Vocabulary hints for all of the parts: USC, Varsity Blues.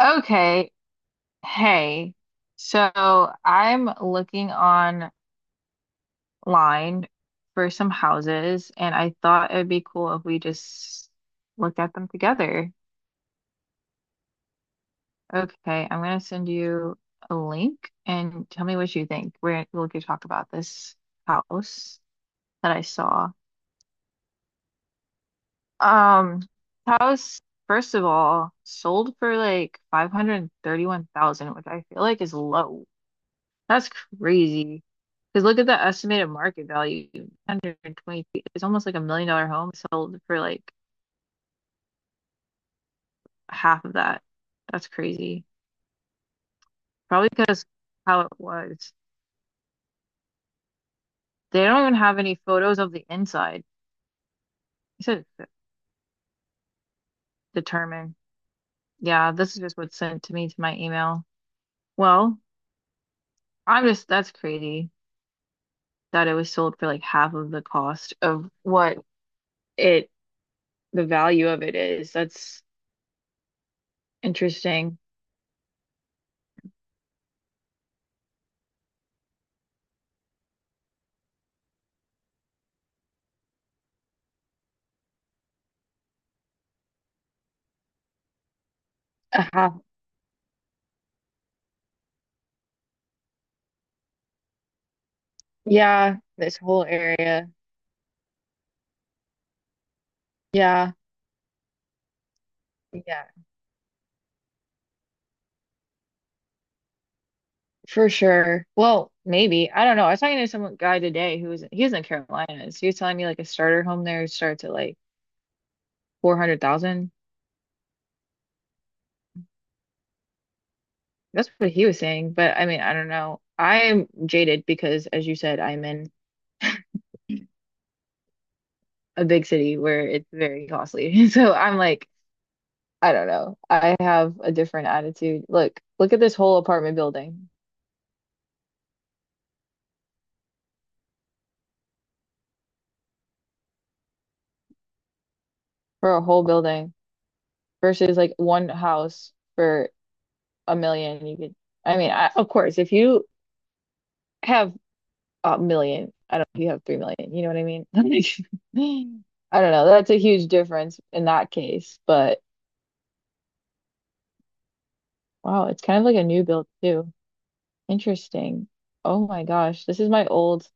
Okay. Hey. So I'm looking online for some houses, and I thought it'd be cool if we just looked at them together. Okay, I'm gonna send you a link and tell me what you think. We'll get to talk about this house that I saw. Um, House, first of all, sold for like 531,000, which I feel like is low. That's crazy. Because look at the estimated market value, 120 feet. It's almost like $1 million home sold for like half of that. That's crazy. Probably because how it was. They don't even have any photos of the inside. It said determine. Yeah, this is just what's sent to me to my email. Well, I'm just, that's crazy that it was sold for like half of the cost of what it, the value of it is. That's interesting. Uh-huh. Yeah, this whole area. Yeah, yeah, for sure. Well, maybe. I don't know. I was talking to some guy today who was in Carolinas. He was telling me like a starter home there starts at like 400,000. That's what he was saying, but I mean, I don't know. I'm jaded because as you said, I'm in a big city where it's very costly. So I'm like, I don't know. I have a different attitude. Look at this whole apartment building for a whole building versus like one house for a million. You could, I mean, I, of course, if you have a million. I don't you have 3 million. You know what I mean? I don't know. That's a huge difference in that case. But wow, it's kind of like a new build too. Interesting. Oh my gosh. This is my old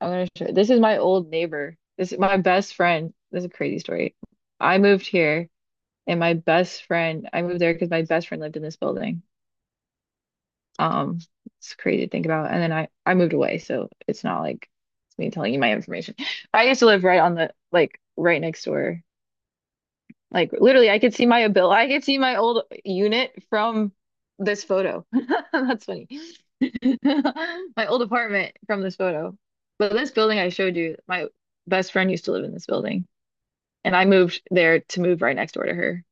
I'm gonna show this is my old neighbor. This is my best friend. This is a crazy story. I moved here and my best friend I moved there because my best friend lived in this building. Um, it's crazy to think about. And then I moved away, so it's not like it's me telling you my information. I used to live right on the like right next door. Like literally, I could see my old unit from this photo. That's funny. My old apartment from this photo. But this building I showed you, my best friend used to live in this building, and I moved there to move right next door to her.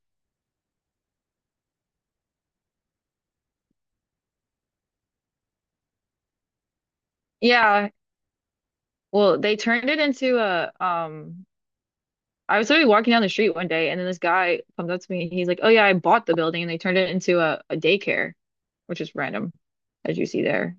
Yeah, well, they turned it into a I was literally walking down the street one day and then this guy comes up to me and he's like, "Oh yeah, I bought the building and they turned it into a daycare," which is random as you see there.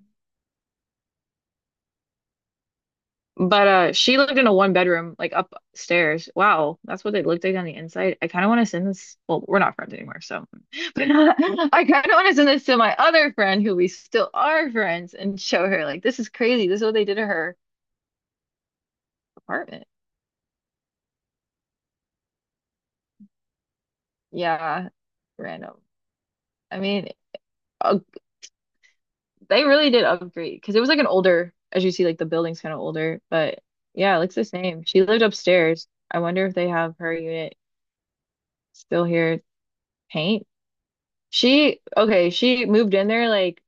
But she lived in a one bedroom like upstairs. Wow, that's what they looked like on the inside. I kind of want to send this. Well, we're not friends anymore, so but I kind of want to send this to my other friend who we still are friends and show her like this is crazy. This is what they did to her apartment. Yeah, random. I mean, uh, they really did upgrade because it was like an older, as you see, like the building's kind of older, but yeah, it looks the same. She lived upstairs. I wonder if they have her unit still here. Paint. Okay, she moved in there like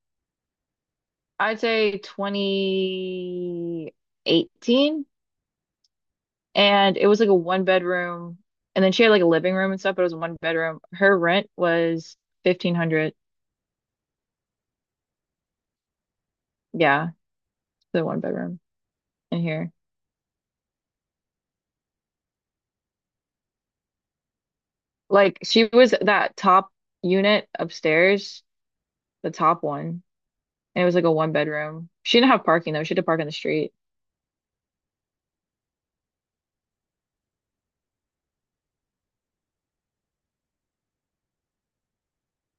I'd say 2018 and it was like a one bedroom and then she had like a living room and stuff, but it was one bedroom. Her rent was 1500. Yeah, the one bedroom in here. Like she was that top unit upstairs, the top one. And it was like a one bedroom. She didn't have parking though. She had to park on the street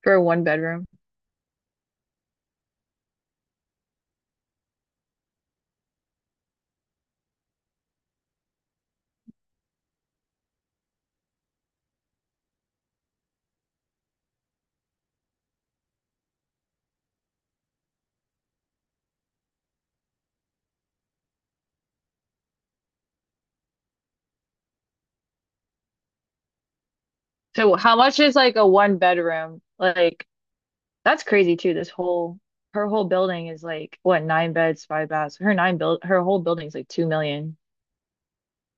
for a one bedroom. So how much is like a one bedroom? Like that's crazy too. This whole Her whole building is like what nine beds, five baths. Her whole building's like 2 million.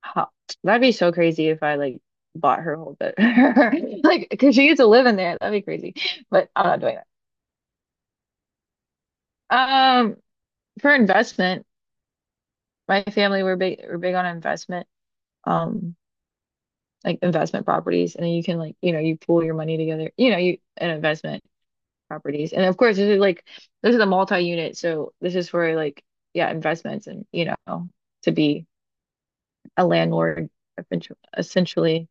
How, that'd be so crazy if I like bought her whole bit. Like, because she gets to live in there. That'd be crazy. But I'm not doing that. Um, for investment, my family we're big on investment. Um, like investment properties, and then you can like you know you pool your money together. You know you an investment properties. And of course, this is a multi-unit, so this is for like yeah, investments and you know, to be a landlord essentially.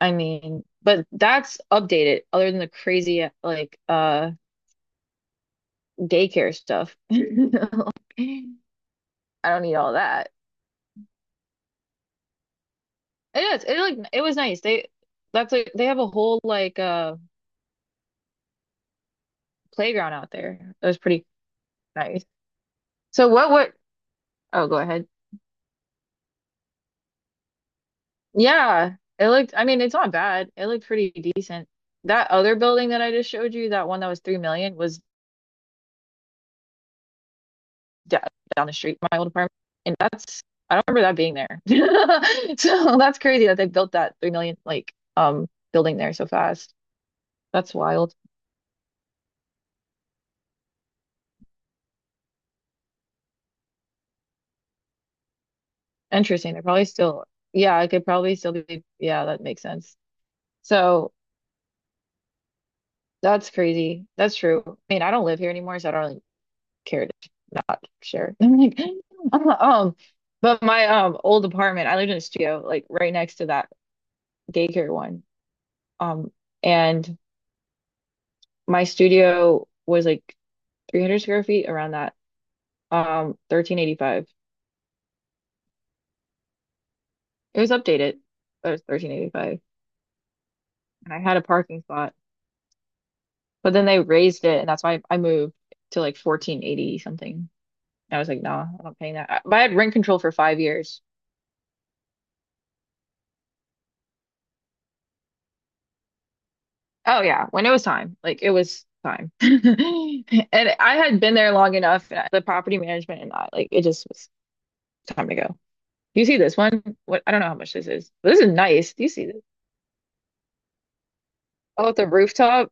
I mean, but that's updated other than the crazy like daycare stuff. I don't need all that. It is. It was nice. They That's like they have a whole like playground out there. It was pretty nice. So what? Oh, go ahead. Yeah, it looked, I mean, it's not bad. It looked pretty decent. That other building that I just showed you, that one that was 3 million, was da down the street from my old apartment. And that's, I don't remember that being there. So that's crazy that they built that 3 million, like, building there so fast. That's wild. Interesting. They're probably still, yeah, it could probably still be, yeah, that makes sense. So that's crazy. That's true. I mean, I don't live here anymore, so I don't really care to not share. I'm like, but my old apartment, I lived in a studio like right next to that daycare one. Um, and my studio was like 300 square feet around that. 1385. It was updated, but it was 1385, and I had a parking spot. But then they raised it, and that's why I moved to like 1480 something. And I was like, nah, I'm not paying that. But I had rent control for 5 years. Oh yeah, when it was time, like it was time. And I had been there long enough, and the property management and that, like it just was time to go. Do you see this one? What I don't know how much this is, but this is nice. Do you see this? Oh, at the rooftop.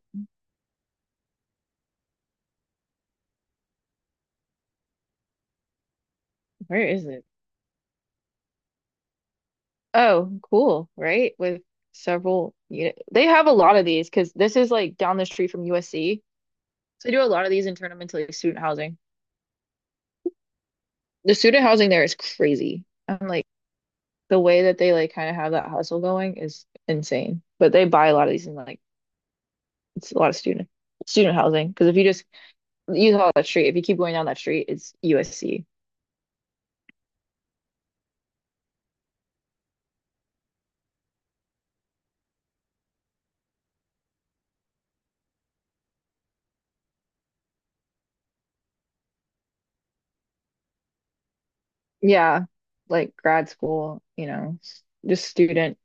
Where is it? Oh, cool, right? With several unit. They have a lot of these because this is like down the street from USC. So they do a lot of these and turn them into like student housing. The student housing there is crazy. I'm like the way that they like kind of have that hustle going is insane. But they buy a lot of these and like it's a lot of student housing because if you just you follow that street, if you keep going down that street, it's USC. Yeah, like grad school, you know, just student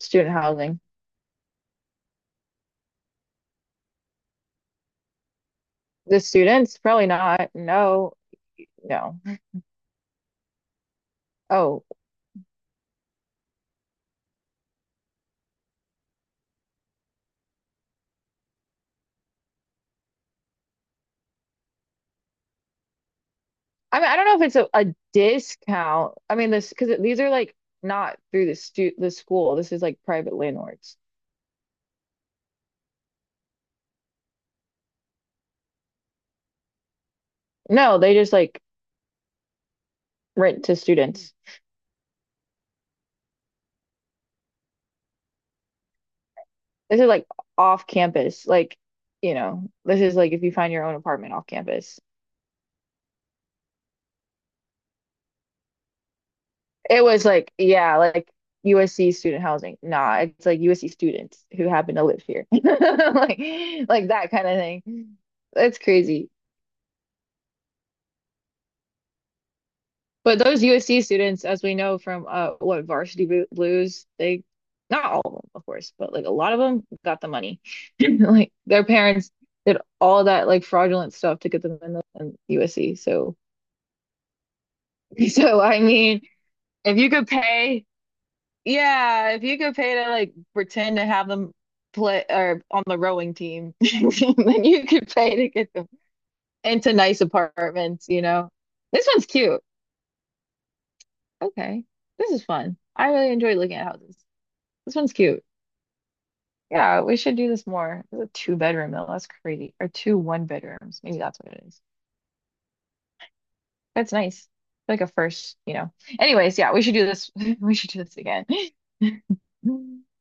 student housing. The students probably not. No, no. Oh, I mean, I don't know if it's a discount. I mean, this because these are like not through the school. This is like private landlords. No, they just like rent to students. This is like off campus. Like, you know, this is like if you find your own apartment off campus. It was like, yeah, like USC student housing. Nah, it's like USC students who happen to live here. Like that kind of thing. That's crazy. But those USC students, as we know from what Varsity Blues, they not all of them, of course, but like a lot of them got the money. Like their parents did all that like fraudulent stuff to get them in USC. So so I mean, if you could pay yeah, if you could pay to like pretend to have them play or on the rowing team, then you could pay to get them into nice apartments, you know. This one's cute. Okay. This is fun. I really enjoy looking at houses. This one's cute. Yeah, we should do this more. It's a two-bedroom though. That's crazy. Or two one bedrooms. Maybe that's what it is. That's nice. Like a first. Anyways, yeah, we should do this. We should do this again.